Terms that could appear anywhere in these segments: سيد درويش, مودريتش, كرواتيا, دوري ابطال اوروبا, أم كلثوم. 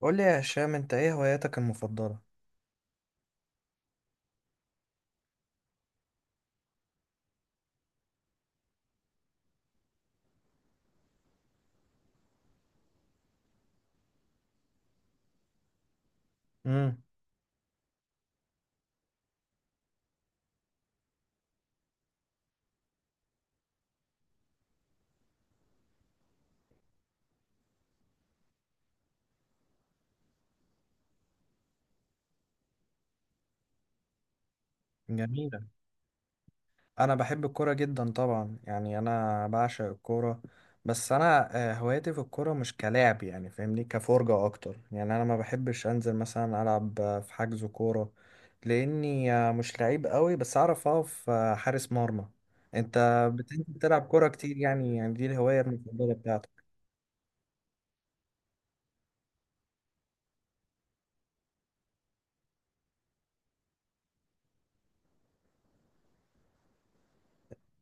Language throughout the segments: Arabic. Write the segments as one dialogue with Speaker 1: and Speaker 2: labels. Speaker 1: قول لي يا هشام، انت ايه هواياتك المفضلة؟ امم. جميلة. انا بحب الكورة جدا طبعا، يعني انا بعشق الكورة. بس انا هواياتي في الكورة مش كلاعب، يعني فاهمني كفرجة اكتر. يعني انا ما بحبش انزل مثلا العب في حجز كورة، لاني مش لعيب قوي، بس اعرف اقف حارس مرمى. انت بتنزل تلعب كورة كتير يعني دي الهواية المفضلة بتاعتك.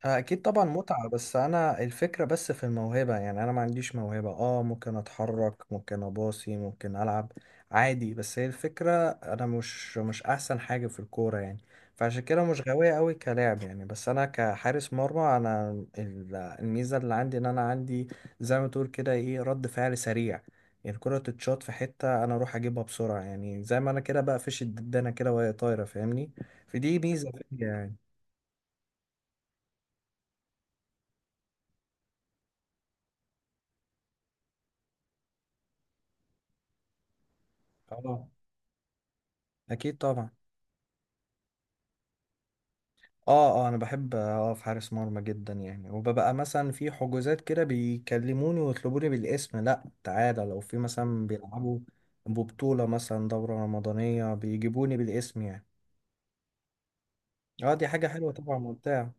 Speaker 1: اكيد طبعا متعة، بس انا الفكرة بس في الموهبة، يعني انا ما عنديش موهبة. اه ممكن اتحرك، ممكن اباصي، ممكن العب عادي، بس هي الفكرة انا مش احسن حاجة في الكورة يعني. فعشان كده مش غاوية قوي كلاعب يعني، بس انا كحارس مرمى انا الميزة اللي عندي ان انا عندي زي ما تقول كده ايه، رد فعل سريع. يعني الكرة تتشاط في حتة انا اروح اجيبها بسرعة، يعني زي ما انا كده بقى فيش الددانة كده وهي طايرة، فاهمني. فدي ميزة فيا يعني. اه، اكيد طبعا. اه، اه، انا بحب اقف حارس مرمى جدا يعني، وببقى مثلا في حجوزات كده بيكلموني ويطلبوني بالاسم، لا تعالى لو في مثلا بيلعبوا ببطولة، مثلا دورة رمضانية بيجيبوني بالاسم يعني. اه، دي حاجة حلوة طبعا، ممتعة.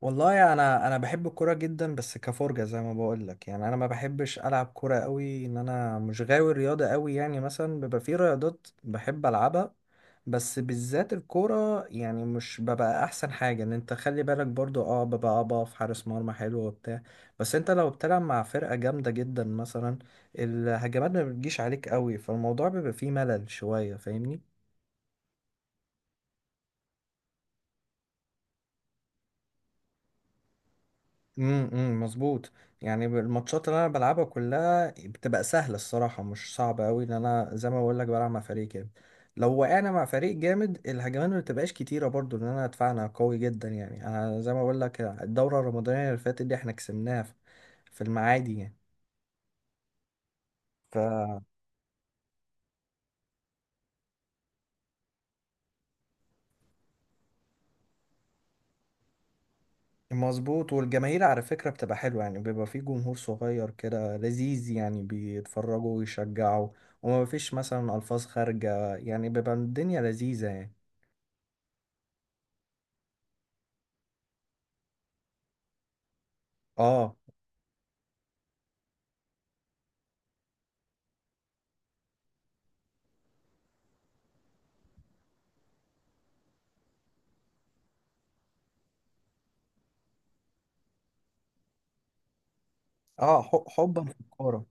Speaker 1: والله انا بحب الكوره جدا، بس كفرجه زي ما بقول لك. يعني انا ما بحبش العب كوره قوي، ان انا مش غاوي رياضه قوي. يعني مثلا بيبقى في رياضات بحب العبها، بس بالذات الكوره يعني مش ببقى احسن حاجه، ان انت خلي بالك برضو. اه، ببقى اقف حارس مرمى حلو وبتاع، بس انت لو بتلعب مع فرقه جامده جدا مثلا، الهجمات ما بتجيش عليك قوي، فالموضوع بيبقى فيه ملل شويه، فاهمني. أمم، مظبوط. يعني الماتشات اللي انا بلعبها كلها بتبقى سهله الصراحه، مش صعبه قوي، لان انا زي ما بقول لك بلعب مع فريق كامل. لو وقعنا مع فريق جامد الهجمات ما بتبقاش كتيره برضو، لان انا دفاعنا قوي جدا. يعني انا زي ما بقول لك الدوره الرمضانيه اللي فاتت دي احنا كسبناها في في المعادي يعني. فمظبوط، والجماهير على فكره بتبقى حلوه، يعني بيبقى في جمهور صغير كده لذيذ يعني، بيتفرجوا ويشجعوا، وما فيش مثلا الفاظ خارجه، يعني بيبقى الدنيا لذيذه يعني. اه، اه، حبا في الكوره.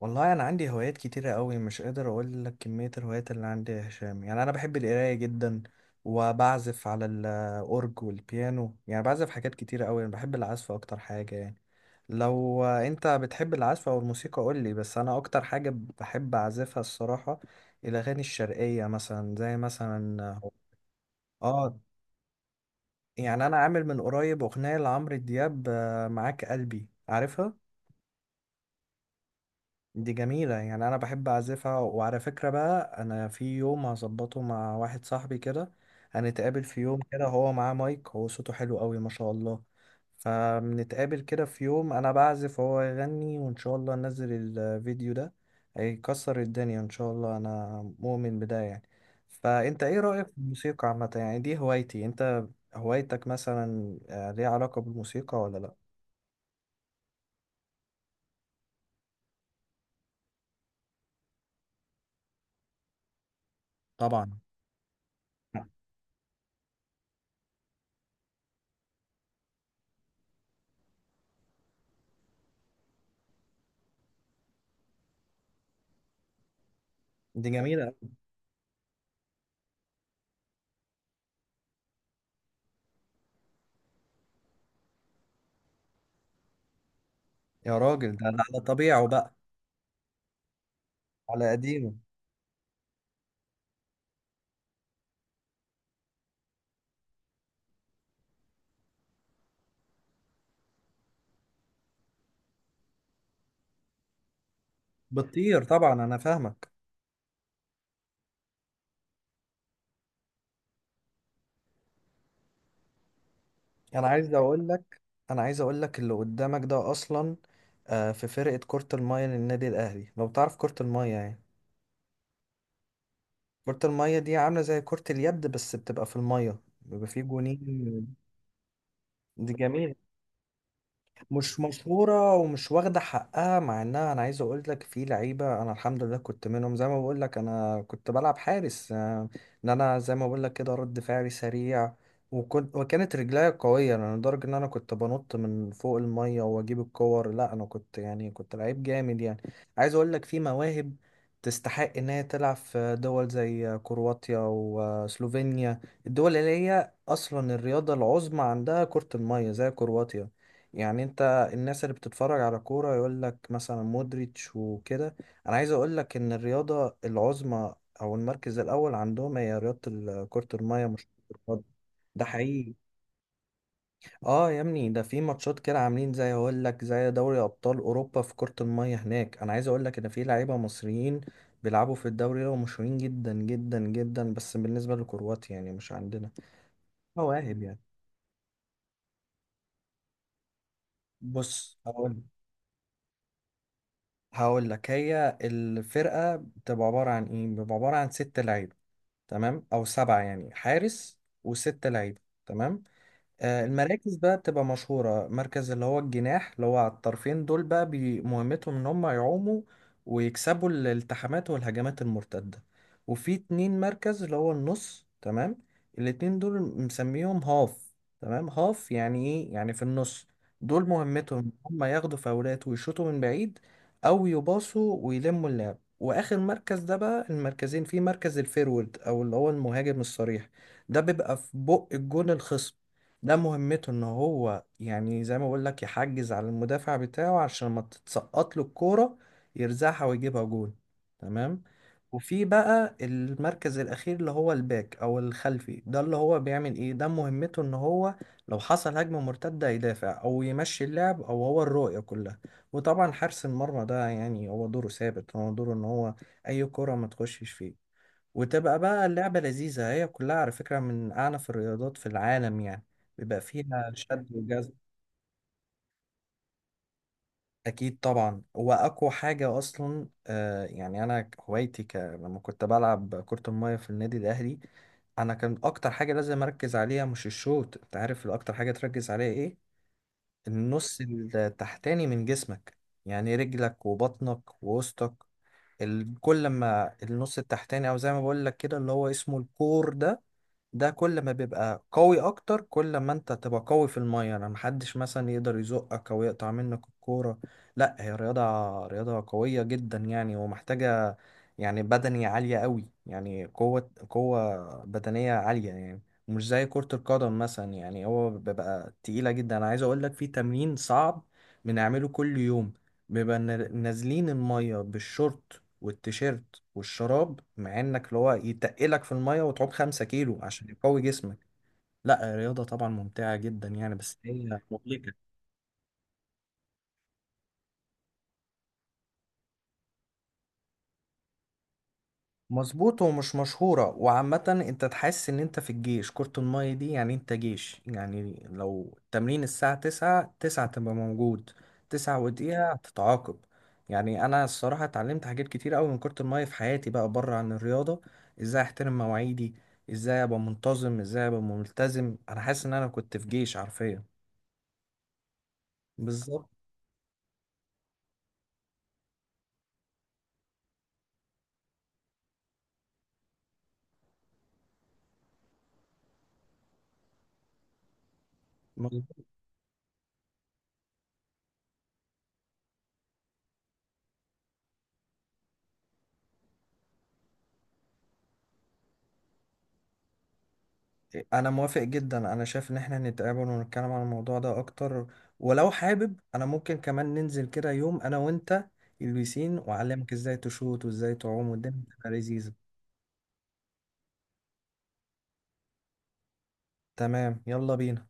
Speaker 1: والله انا عندي هوايات كتيره قوي، مش قادر اقول لك كميه الهوايات اللي عندي يا هشام. يعني انا بحب القرايه جدا، وبعزف على الاورج والبيانو. يعني بعزف حاجات كتيره قوي، انا بحب العزف اكتر حاجه يعني. لو انت بتحب العزف او الموسيقى قول لي، بس انا اكتر حاجه بحب اعزفها الصراحه الاغاني الشرقيه، مثلا زي مثلا، اه، يعني انا عامل من قريب اغنيه لعمرو دياب معاك قلبي، عارفها. دي جميلة يعني، أنا بحب أعزفها. وعلى فكرة بقى أنا في يوم هظبطه مع واحد صاحبي كده، هنتقابل في يوم كده، هو معاه مايك، هو صوته حلو قوي ما شاء الله. فبنتقابل كده في يوم أنا بعزف وهو يغني، وإن شاء الله ننزل الفيديو ده، هيكسر الدنيا إن شاء الله، أنا مؤمن بده يعني. فأنت إيه رأيك في الموسيقى عامة؟ يعني دي هوايتي، أنت هوايتك مثلا ليها علاقة بالموسيقى ولا لأ؟ طبعا. دي جميلة. يا راجل، ده على طبيعه بقى، على قديمه. بتطير طبعا، انا فاهمك. انا عايز اقول لك انا عايز اقول لك اللي قدامك ده اصلا في فرقه كره الميه للنادي الاهلي، لو تعرف كره الميه يعني. كره الميه دي عامله زي كره اليد، بس بتبقى في الميه، بيبقى فيه جونين. دي جميله، مش مشهورة ومش واخدة حقها، مع انها، انا عايز اقول لك في لعيبة انا الحمد لله كنت منهم. زي ما بقول لك انا كنت بلعب حارس، ان انا زي ما بقول لك كده رد فعلي سريع، وكنت وكانت رجليا قوية. يعني لدرجة ان انا كنت بنط من فوق المية واجيب الكور، لا انا كنت يعني كنت لعيب جامد يعني. عايز اقول لك في مواهب تستحق ان هي تلعب في دول زي كرواتيا وسلوفينيا، الدول اللي هي اصلا الرياضة العظمى عندها كرة المية، زي كرواتيا يعني. الناس اللي بتتفرج على كورة يقول لك مثلا مودريتش وكده، انا عايز اقول لك ان الرياضة العظمى او المركز الاول عندهم هي رياضة كرة المية، مش كرة القدم. ده حقيقي. اه يا ابني، ده في ماتشات كده عاملين زي اقول لك زي دوري ابطال اوروبا في كرة المية هناك. انا عايز اقول لك ان في لعيبة مصريين بيلعبوا في الدوري ده ومشهورين جدا جدا جدا، بس بالنسبة لكرواتيا يعني مش عندنا مواهب يعني. بص، هقول لك، هي الفرقة بتبقى عبارة عن ايه، بتبقى عبارة عن ست لعيبة، تمام، او سبعة. يعني حارس وست لعيبة تمام. المراكز بقى بتبقى مشهورة: مركز اللي هو الجناح، اللي هو على الطرفين دول بقى، مهمتهم ان هم يعوموا ويكسبوا الالتحامات والهجمات المرتدة. وفي اتنين مركز اللي هو النص تمام، الاتنين دول مسميهم هاف، تمام. هاف يعني ايه؟ يعني في النص. دول مهمتهم ان هم ياخدوا فاولات ويشوطوا من بعيد، او يباصوا ويلموا اللعب. واخر مركز ده بقى، المركزين فيه مركز الفيرورد، او اللي هو المهاجم الصريح، ده بيبقى في بق الجون الخصم. ده مهمته ان هو، يعني زي ما بقول لك، يحجز على المدافع بتاعه عشان ما تتسقط له الكوره، يرزعها ويجيبها جول. تمام. وفي بقى المركز الاخير اللي هو الباك، او الخلفي. ده اللي هو بيعمل ايه؟ ده مهمته ان هو لو حصل هجمه مرتده يدافع، او يمشي اللعب، او هو الرؤيه كلها. وطبعا حارس المرمى ده، يعني هو دوره ثابت، هو دوره ان هو اي كره ما تخشش فيه، وتبقى بقى اللعبة لذيذة. هي كلها على فكرة من أعنف الرياضات في العالم يعني، بيبقى فيها شد وجذب. أكيد طبعا. وأقوى حاجة أصلا، آه يعني أنا هوايتي لما كنت بلعب كرة المية في النادي الأهلي أنا، كان أكتر حاجة لازم أركز عليها مش الشوط. أنت عارف أكتر حاجة تركز عليها إيه؟ النص التحتاني من جسمك، يعني رجلك وبطنك ووسطك. كل لما النص التحتاني، او زي ما بقول لك كده اللي هو اسمه الكور ده، ده كل ما بيبقى قوي اكتر، كل ما انت تبقى قوي في الميه، انا محدش مثلا يقدر يزقك او يقطع منك الكوره. لا هي رياضه، رياضه قويه جدا يعني، ومحتاجه يعني بدني عاليه قوي. يعني قوه، قوه بدنيه عاليه يعني، مش زي كرة القدم مثلا يعني. هو بيبقى تقيلة جدا. أنا عايز أقول لك في تمرين صعب بنعمله كل يوم، بيبقى نازلين المية بالشورت والتيشيرت والشراب، مع انك اللي هو يتقلك في الميه، وتعوم 5 كيلو عشان يقوي جسمك. لا الرياضة طبعا ممتعة جدا يعني، بس هي مهلكة. مظبوط، ومش مشهورة وعامة. انت تحس ان انت في الجيش، كرة المية دي يعني انت جيش. يعني لو التمرين الساعة 9، تسعة تبقى موجود، 9:01 هتتعاقب. يعني انا الصراحة اتعلمت حاجات كتير اوي من كرة المية في حياتي بقى، بره عن الرياضة. ازاي احترم مواعيدي، ازاي ابقى منتظم، ازاي ابقى ملتزم. انا حاسس ان انا كنت في جيش حرفيا، بالظبط. انا موافق جدا، انا شايف ان احنا نتقابل ونتكلم عن الموضوع ده اكتر، ولو حابب انا ممكن كمان ننزل كده يوم انا وانت البسين، واعلمك ازاي تشوط وازاي تعوم والدنيا تبقى لذيذة. تمام، يلا بينا.